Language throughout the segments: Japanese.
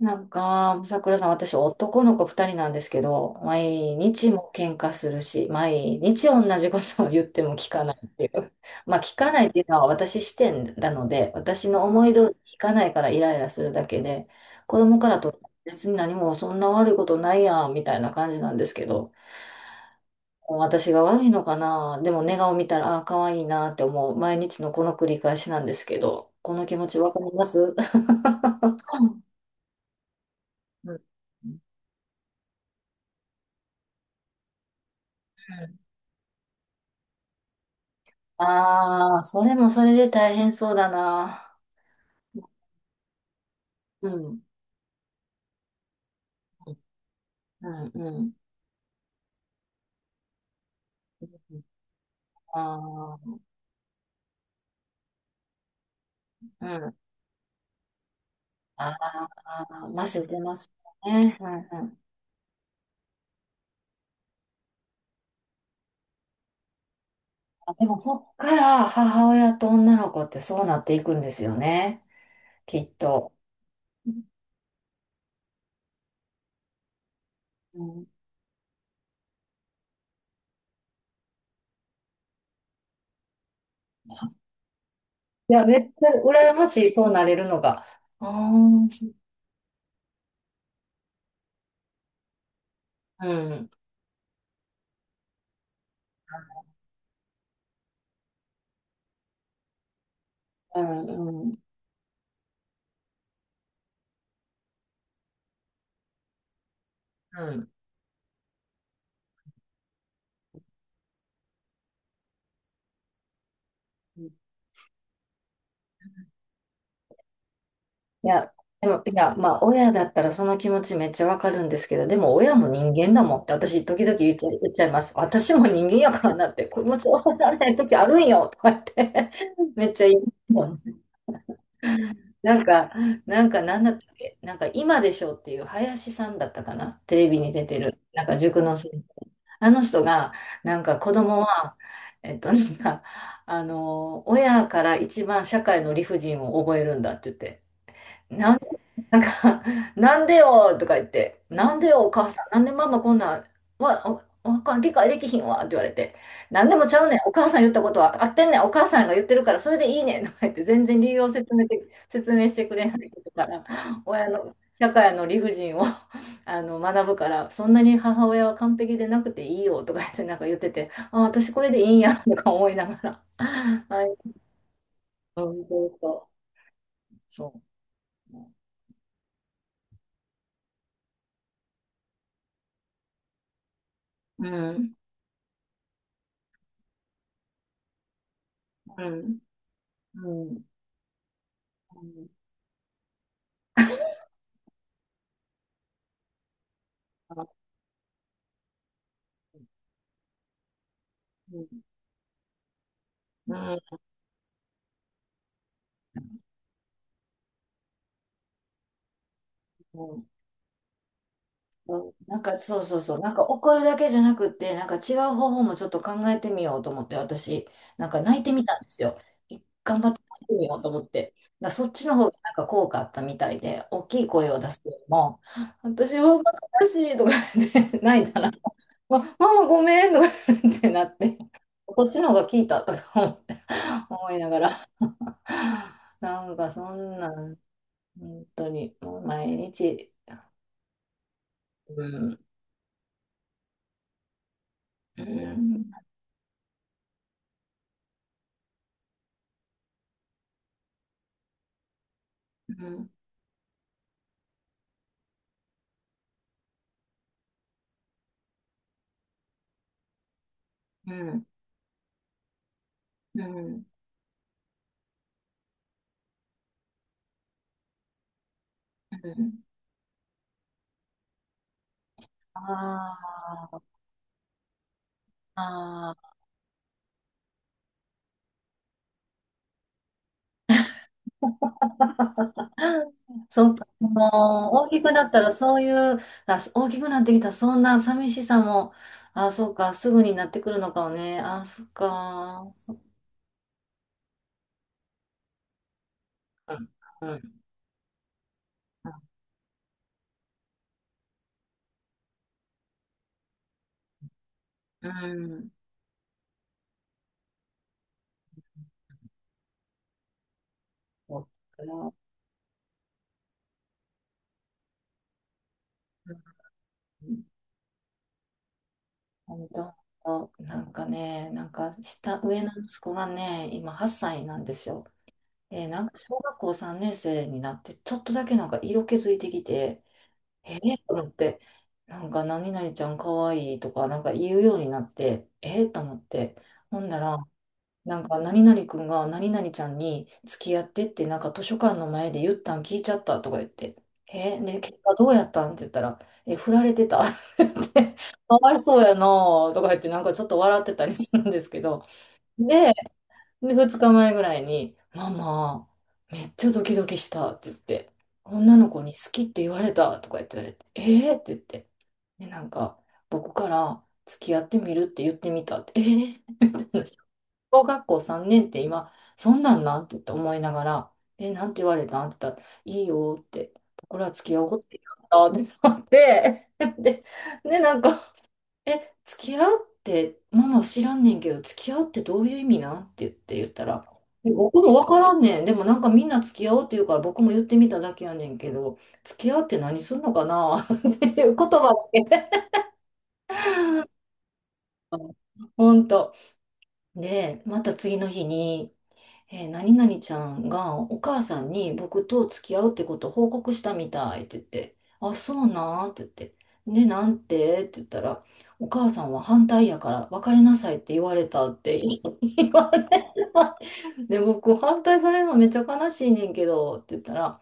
なんか、桜さん、私、男の子二人なんですけど、毎日も喧嘩するし、毎日同じことを言っても聞かないっていう。まあ、聞かないっていうのは私視点なので、私の思い通りに聞かないからイライラするだけで、子供からと別に何もそんな悪いことないやん、みたいな感じなんですけど、私が悪いのかな、でも寝顔見たら、ああ、可愛いなって思う、毎日のこの繰り返しなんですけど、この気持ちわかります。 うん。ああ、それもそれで大変そうだな。うん、うん、うん。ああ、うん。ああ、ませてますね。うんうん。あ、でもそっから母親と女の子ってそうなっていくんですよね、きっと。うん。いや、めっちゃ羨ましい、そうなれるのが。ああ、うん、うん、うん、うん。いや、でも、いや、まあ、親だったらその気持ちめっちゃわかるんですけど、でも親も人間だもんって私、時々言っちゃいます。私も人間やからなって、子持ち抑えられない時あるんよとか言って めっちゃ言う。なんか、なんか、なんだったっけ、なんか、今でしょっていう林さんだったかな、テレビに出てる、なんか塾の先生。あの人が、なんか子供は、なんか、あの、親から一番社会の理不尽を覚えるんだって言って。ななんか、なんでよとか言って、なんでよお母さん、なんでママこんなん、わかん、理解できひんわって言われて、なんでもちゃうねん、お母さん言ったことは合ってんねん、お母さんが言ってるからそれでいいねんとか言って、全然理由を説明て、説明してくれないことから、親の、社会の理不尽を あの学ぶから、そんなに母親は完璧でなくていいよとか言って、なんか言ってて、あ、私これでいいんやとか思いながら。はい、うん、そうそう、そう。うん、うん、うん。うん、うん、うん、うん。なんかそうそうそう、なんか怒るだけじゃなくって、なんか違う方法もちょっと考えてみようと思って、私、なんか泣いてみたんですよ。頑張って泣いてみようと思って。だからそっちの方がなんか効果あったみたいで、大きい声を出すよりも、私は悲しいとか言って泣いたら、ま、ママごめんとか言ってなって、こっちの方が効いたとか思って思いながら、なんかそんなん本当に、もう毎日。うん、うん、うん、うん、うん、うん。ああ、ああ。そうか、もう大きくなったらそういう、あ、大きくなってきたらそんな寂しさも、あ、そうか、すぐになってくるのかもね。あ、そっか、そっか。うん、うん、うん。そうか。うん。本当、なんかね、なんか上の息子がね、今8歳なんですよ。えーなんか小学校3年生になって、ちょっとだけなんか色気づいてきて、えー、と思って、なんか何々ちゃんかわいいとかなんか言うようになって、えー、と思って、ほんなら、なんか何々くんが何々ちゃんに付き合ってってなんか図書館の前で言ったん聞いちゃったとか言って、えー、で、結果どうやったんって言ったら、え振られてたって言って かわいそうやなとか言ってなんかちょっと笑ってたりするんですけど、で、で、二日前ぐらいに、ママ、めっちゃドキドキしたって言って、女の子に好きって言われたとか言って言われて、えーって言って、で、なんか、僕から付き合ってみるって言ってみたって、えーって話。小学校3年って今、そんなんなんって言って思いながら、え、なんて言われたんって言ったら、いいよって、僕ら付き合おうって言ったってなって、で、で、なんか、え、付き合うって、ママ知らんねんけど、付き合うってどういう意味なんって言ったら、え僕もわからんねん。でもなんかみんな付き合おうって言うから僕も言ってみただけやねんけど、付き合うって何するのかな っていう言葉だけ。ほんと。で、また次の日に、えー何々ちゃんがお母さんに僕と付き合うってことを報告したみたいって言って、あ、そうなんって言って、で、なんてって言ったら、お母さんは反対やから別れなさいって言われた。 で、僕、反対されるのめっちゃ悲しいねんけど、って言ったら、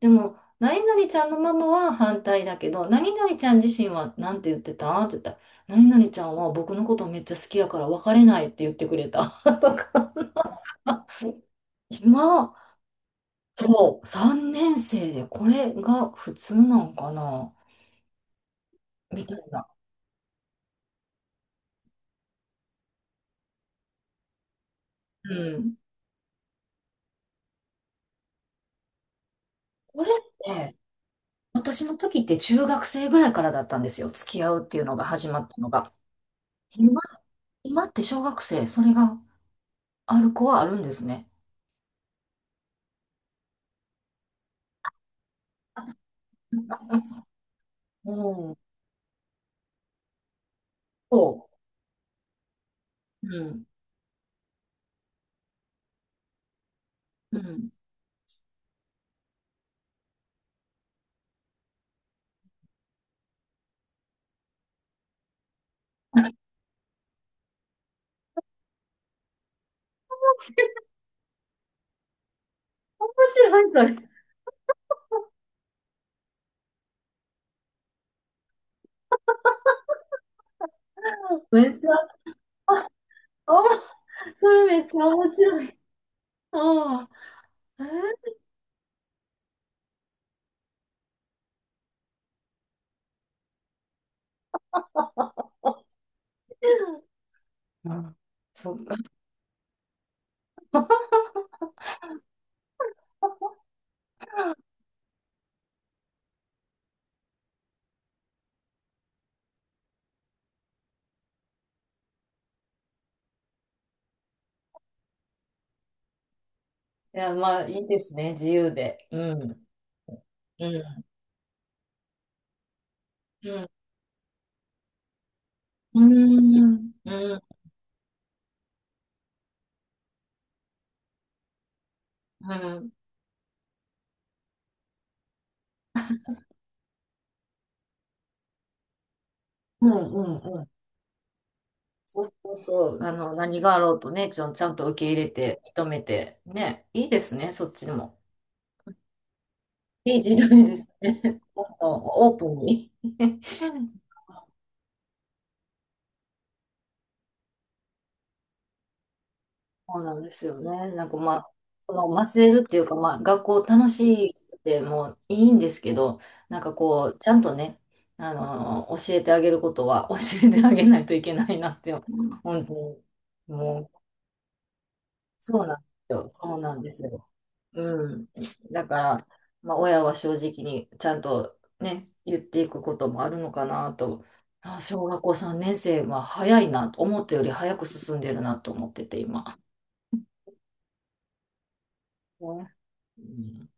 でも、何々ちゃんのママは反対だけど、何々ちゃん自身はなんて言ってたって言ったら、何々ちゃんは僕のことめっちゃ好きやから別れないって言ってくれた。とか、今、そう、3年生でこれが普通なんかなみたいな。うん。これって、私の時って中学生ぐらいからだったんですよ、付き合うっていうのが始まったのが。今、今って小学生、それがある子はあるんですね。うん。そう。うん。うん。面白い、それ。めっちゃ、あそれめっちゃ面白い。うん。えー、うん。そっか。いや、まあ、いいですね、自由で。うん。うん。うん。うん。うん。うん。うん。うん。そうそうそう。あの、何があろうとね、ちゃんと受け入れて、認めて。ね。いいですね、そっちも。いい時代ですね。あのオープンに。そうなんですよね。なんかまあ、その忘れるっていうか、まあ、学校楽しいってもういいんですけど、なんかこう、ちゃんとね、あの、教えてあげることは 教えてあげないといけないなって、本当に、もう、そうなんですよ。そうなんですよ。うん。だから、まあ、親は正直にちゃんとね、言っていくこともあるのかなと、あ、小学校3年生は早いなと、思ったより早く進んでるなと思ってて、今。ね。うん。